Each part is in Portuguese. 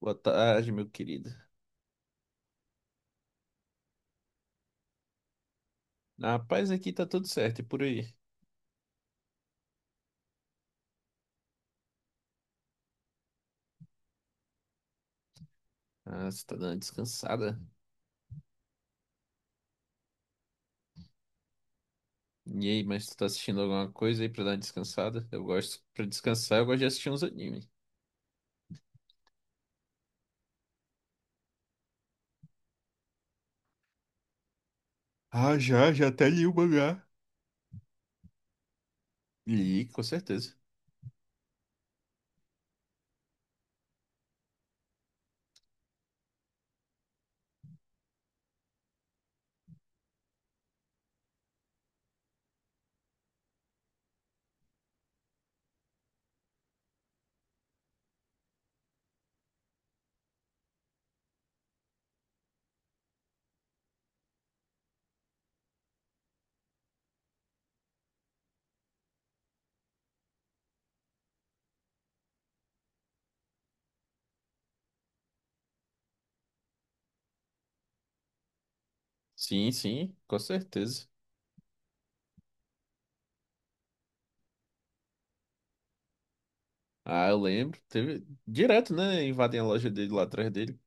Boa tarde, meu querido. Na paz aqui tá tudo certo, e por aí? Ah, você tá dando uma descansada? E aí, mas tu tá assistindo alguma coisa aí pra dar uma descansada? Eu gosto, pra descansar, eu gosto de assistir uns animes. Li, com certeza. Sim, sim, com certeza. Ah, eu lembro, teve... Direto, né, invadem a loja dele lá atrás dele.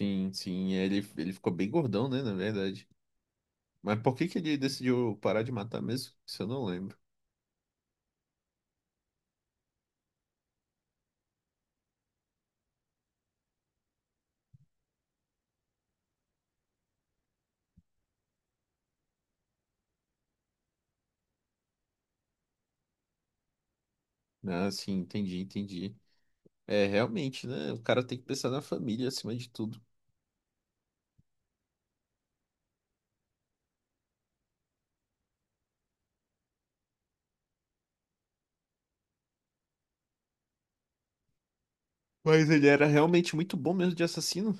Sim, sim, ele ficou bem gordão, né, na verdade. Mas por que que ele decidiu parar de matar mesmo? Isso eu não lembro. Ah, sim, entendi, entendi. É, realmente, né? O cara tem que pensar na família acima de tudo. Mas ele era realmente muito bom mesmo de assassino.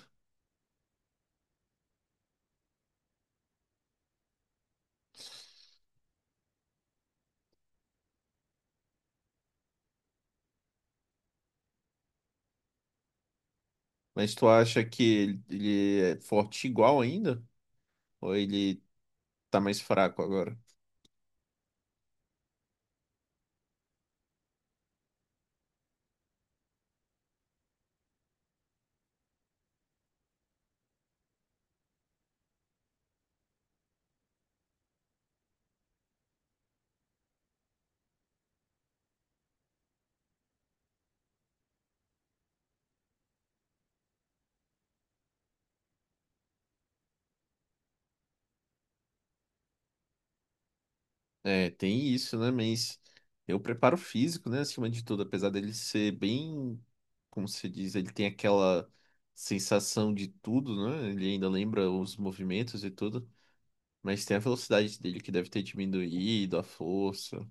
Mas tu acha que ele é forte igual ainda? Ou ele tá mais fraco agora? É, tem isso, né? Mas eu preparo físico, né? Acima de tudo, apesar dele ser bem, como se diz, ele tem aquela sensação de tudo, né? Ele ainda lembra os movimentos e tudo. Mas tem a velocidade dele que deve ter diminuído, a força.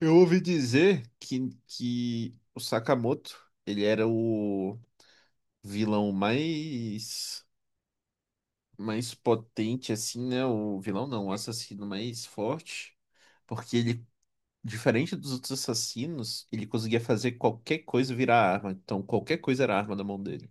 Eu ouvi dizer que o Sakamoto, ele era o vilão mais potente assim, né? O vilão não, o assassino mais forte, porque ele diferente dos outros assassinos, ele conseguia fazer qualquer coisa virar arma. Então qualquer coisa era arma na mão dele.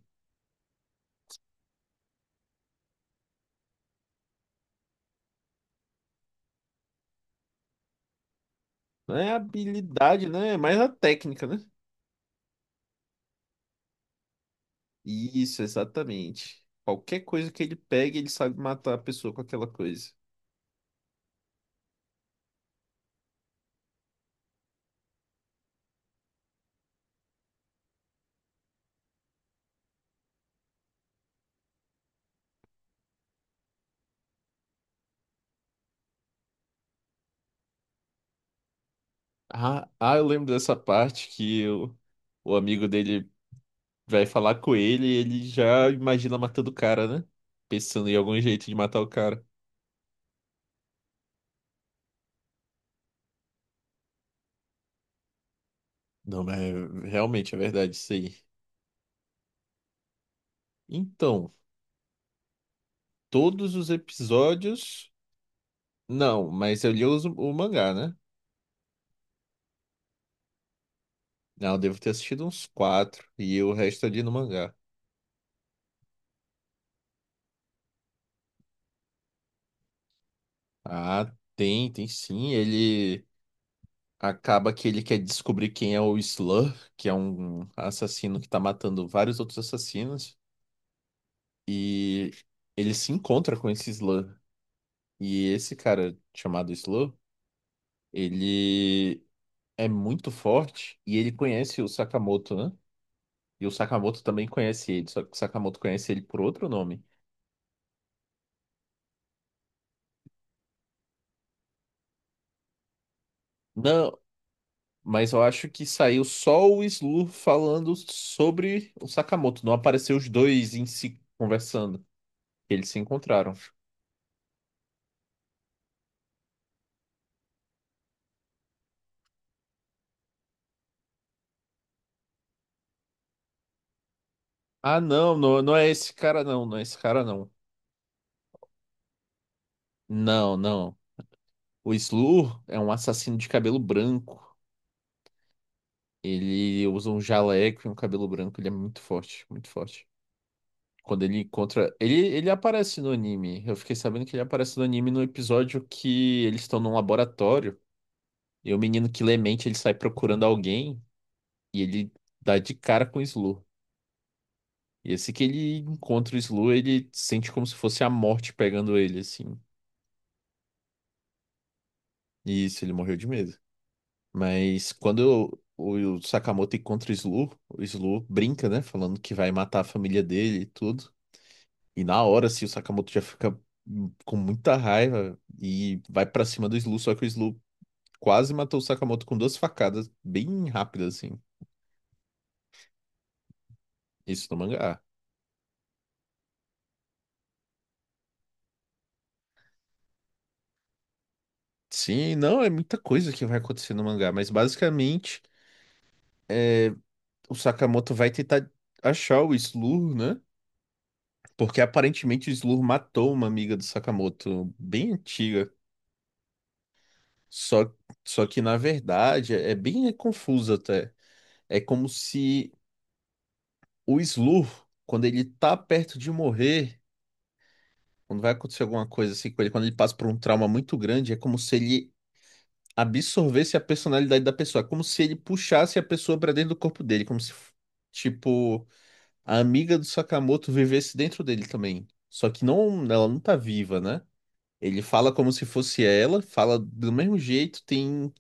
Não é a habilidade, né? É mais a técnica, né? Isso, exatamente. Qualquer coisa que ele pegue, ele sabe matar a pessoa com aquela coisa. Ah, eu lembro dessa parte que o amigo dele vai falar com ele e ele já imagina matando o cara, né? Pensando em algum jeito de matar o cara. Não, mas realmente é verdade isso aí. Então, todos os episódios. Não, mas eu li o mangá, né? Não, eu devo ter assistido uns quatro e o resto ali no mangá. Ah, tem, tem sim. Ele acaba que ele quer descobrir quem é o Slur, que é um assassino que tá matando vários outros assassinos. E ele se encontra com esse Slur. E esse cara chamado Slow, ele é muito forte e ele conhece o Sakamoto, né? E o Sakamoto também conhece ele, só que o Sakamoto conhece ele por outro nome. Não, mas eu acho que saiu só o Slow falando sobre o Sakamoto, não apareceu os dois em si conversando. Eles se encontraram. Ah, não, não, não é esse cara não, não é esse cara não. Não, não. O Slur é um assassino de cabelo branco. Ele usa um jaleco e um cabelo branco. Ele é muito forte, muito forte. Quando ele encontra. Ele aparece no anime. Eu fiquei sabendo que ele aparece no anime no episódio que eles estão num laboratório. E o menino que lê mente, ele sai procurando alguém. E ele dá de cara com o Slu. E assim que ele encontra o Slu, ele sente como se fosse a morte pegando ele, assim. E isso, ele morreu de medo. Mas quando o Sakamoto encontra o Slu brinca, né? Falando que vai matar a família dele e tudo. E na hora, assim, o Sakamoto já fica com muita raiva e vai pra cima do Slu, só que o Slu quase matou o Sakamoto com duas facadas bem rápidas, assim. Isso no mangá. Sim, não, é muita coisa que vai acontecer no mangá, mas basicamente o Sakamoto vai tentar achar o Slur, né? Porque aparentemente o Slur matou uma amiga do Sakamoto, bem antiga. Só, só que na verdade é bem confuso até. É como se o Slur, quando ele tá perto de morrer. Quando vai acontecer alguma coisa assim com ele, quando ele passa por um trauma muito grande, é como se ele absorvesse a personalidade da pessoa. É como se ele puxasse a pessoa pra dentro do corpo dele. Como se, tipo, a amiga do Sakamoto vivesse dentro dele também. Só que não, ela não tá viva, né? Ele fala como se fosse ela, fala do mesmo jeito, tem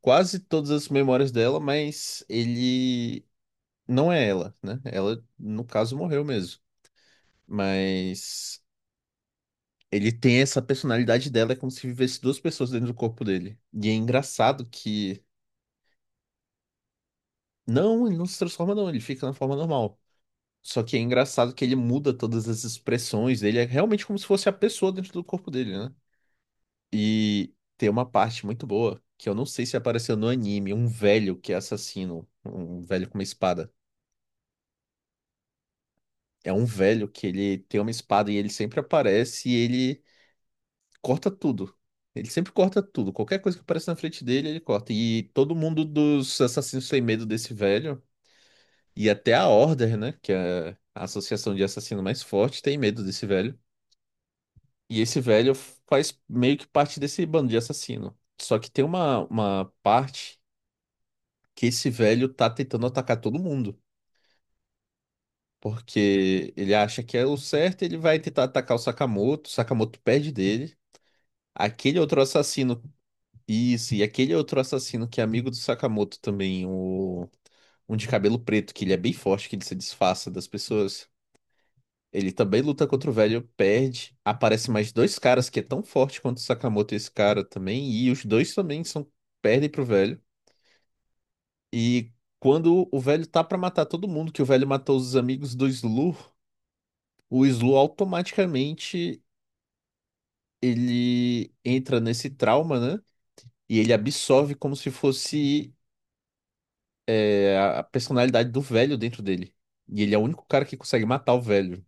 quase todas as memórias dela, mas ele não é ela, né? Ela, no caso, morreu mesmo. Mas. Ele tem essa personalidade dela, é como se vivesse duas pessoas dentro do corpo dele. E é engraçado que. Não, ele não se transforma, não, ele fica na forma normal. Só que é engraçado que ele muda todas as expressões dele, é realmente como se fosse a pessoa dentro do corpo dele, né? E tem uma parte muito boa, que eu não sei se apareceu no anime, um velho que é assassino, um velho com uma espada. É um velho que ele tem uma espada e ele sempre aparece e ele corta tudo. Ele sempre corta tudo. Qualquer coisa que aparece na frente dele, ele corta. E todo mundo dos assassinos tem medo desse velho. E até a Order, né? Que é a associação de assassino mais forte, tem medo desse velho. E esse velho faz meio que parte desse bando de assassino. Só que tem uma parte que esse velho tá tentando atacar todo mundo. Porque ele acha que é o certo, ele vai tentar atacar o Sakamoto. O Sakamoto perde dele. Aquele outro assassino. Isso, e aquele outro assassino que é amigo do Sakamoto também, o... um de cabelo preto, que ele é bem forte, que ele se disfarça das pessoas. Ele também luta contra o velho, perde. Aparece mais dois caras que é tão forte quanto o Sakamoto e esse cara também, e os dois também são perdem pro velho. E quando o velho tá pra matar todo mundo, que o velho matou os amigos do Slu, o Slu automaticamente ele entra nesse trauma, né? E ele absorve como se fosse a personalidade do velho dentro dele. E ele é o único cara que consegue matar o velho.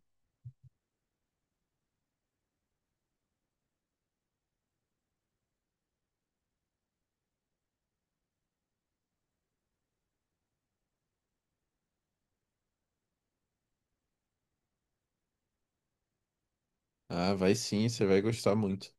Ah, vai sim, você vai gostar muito.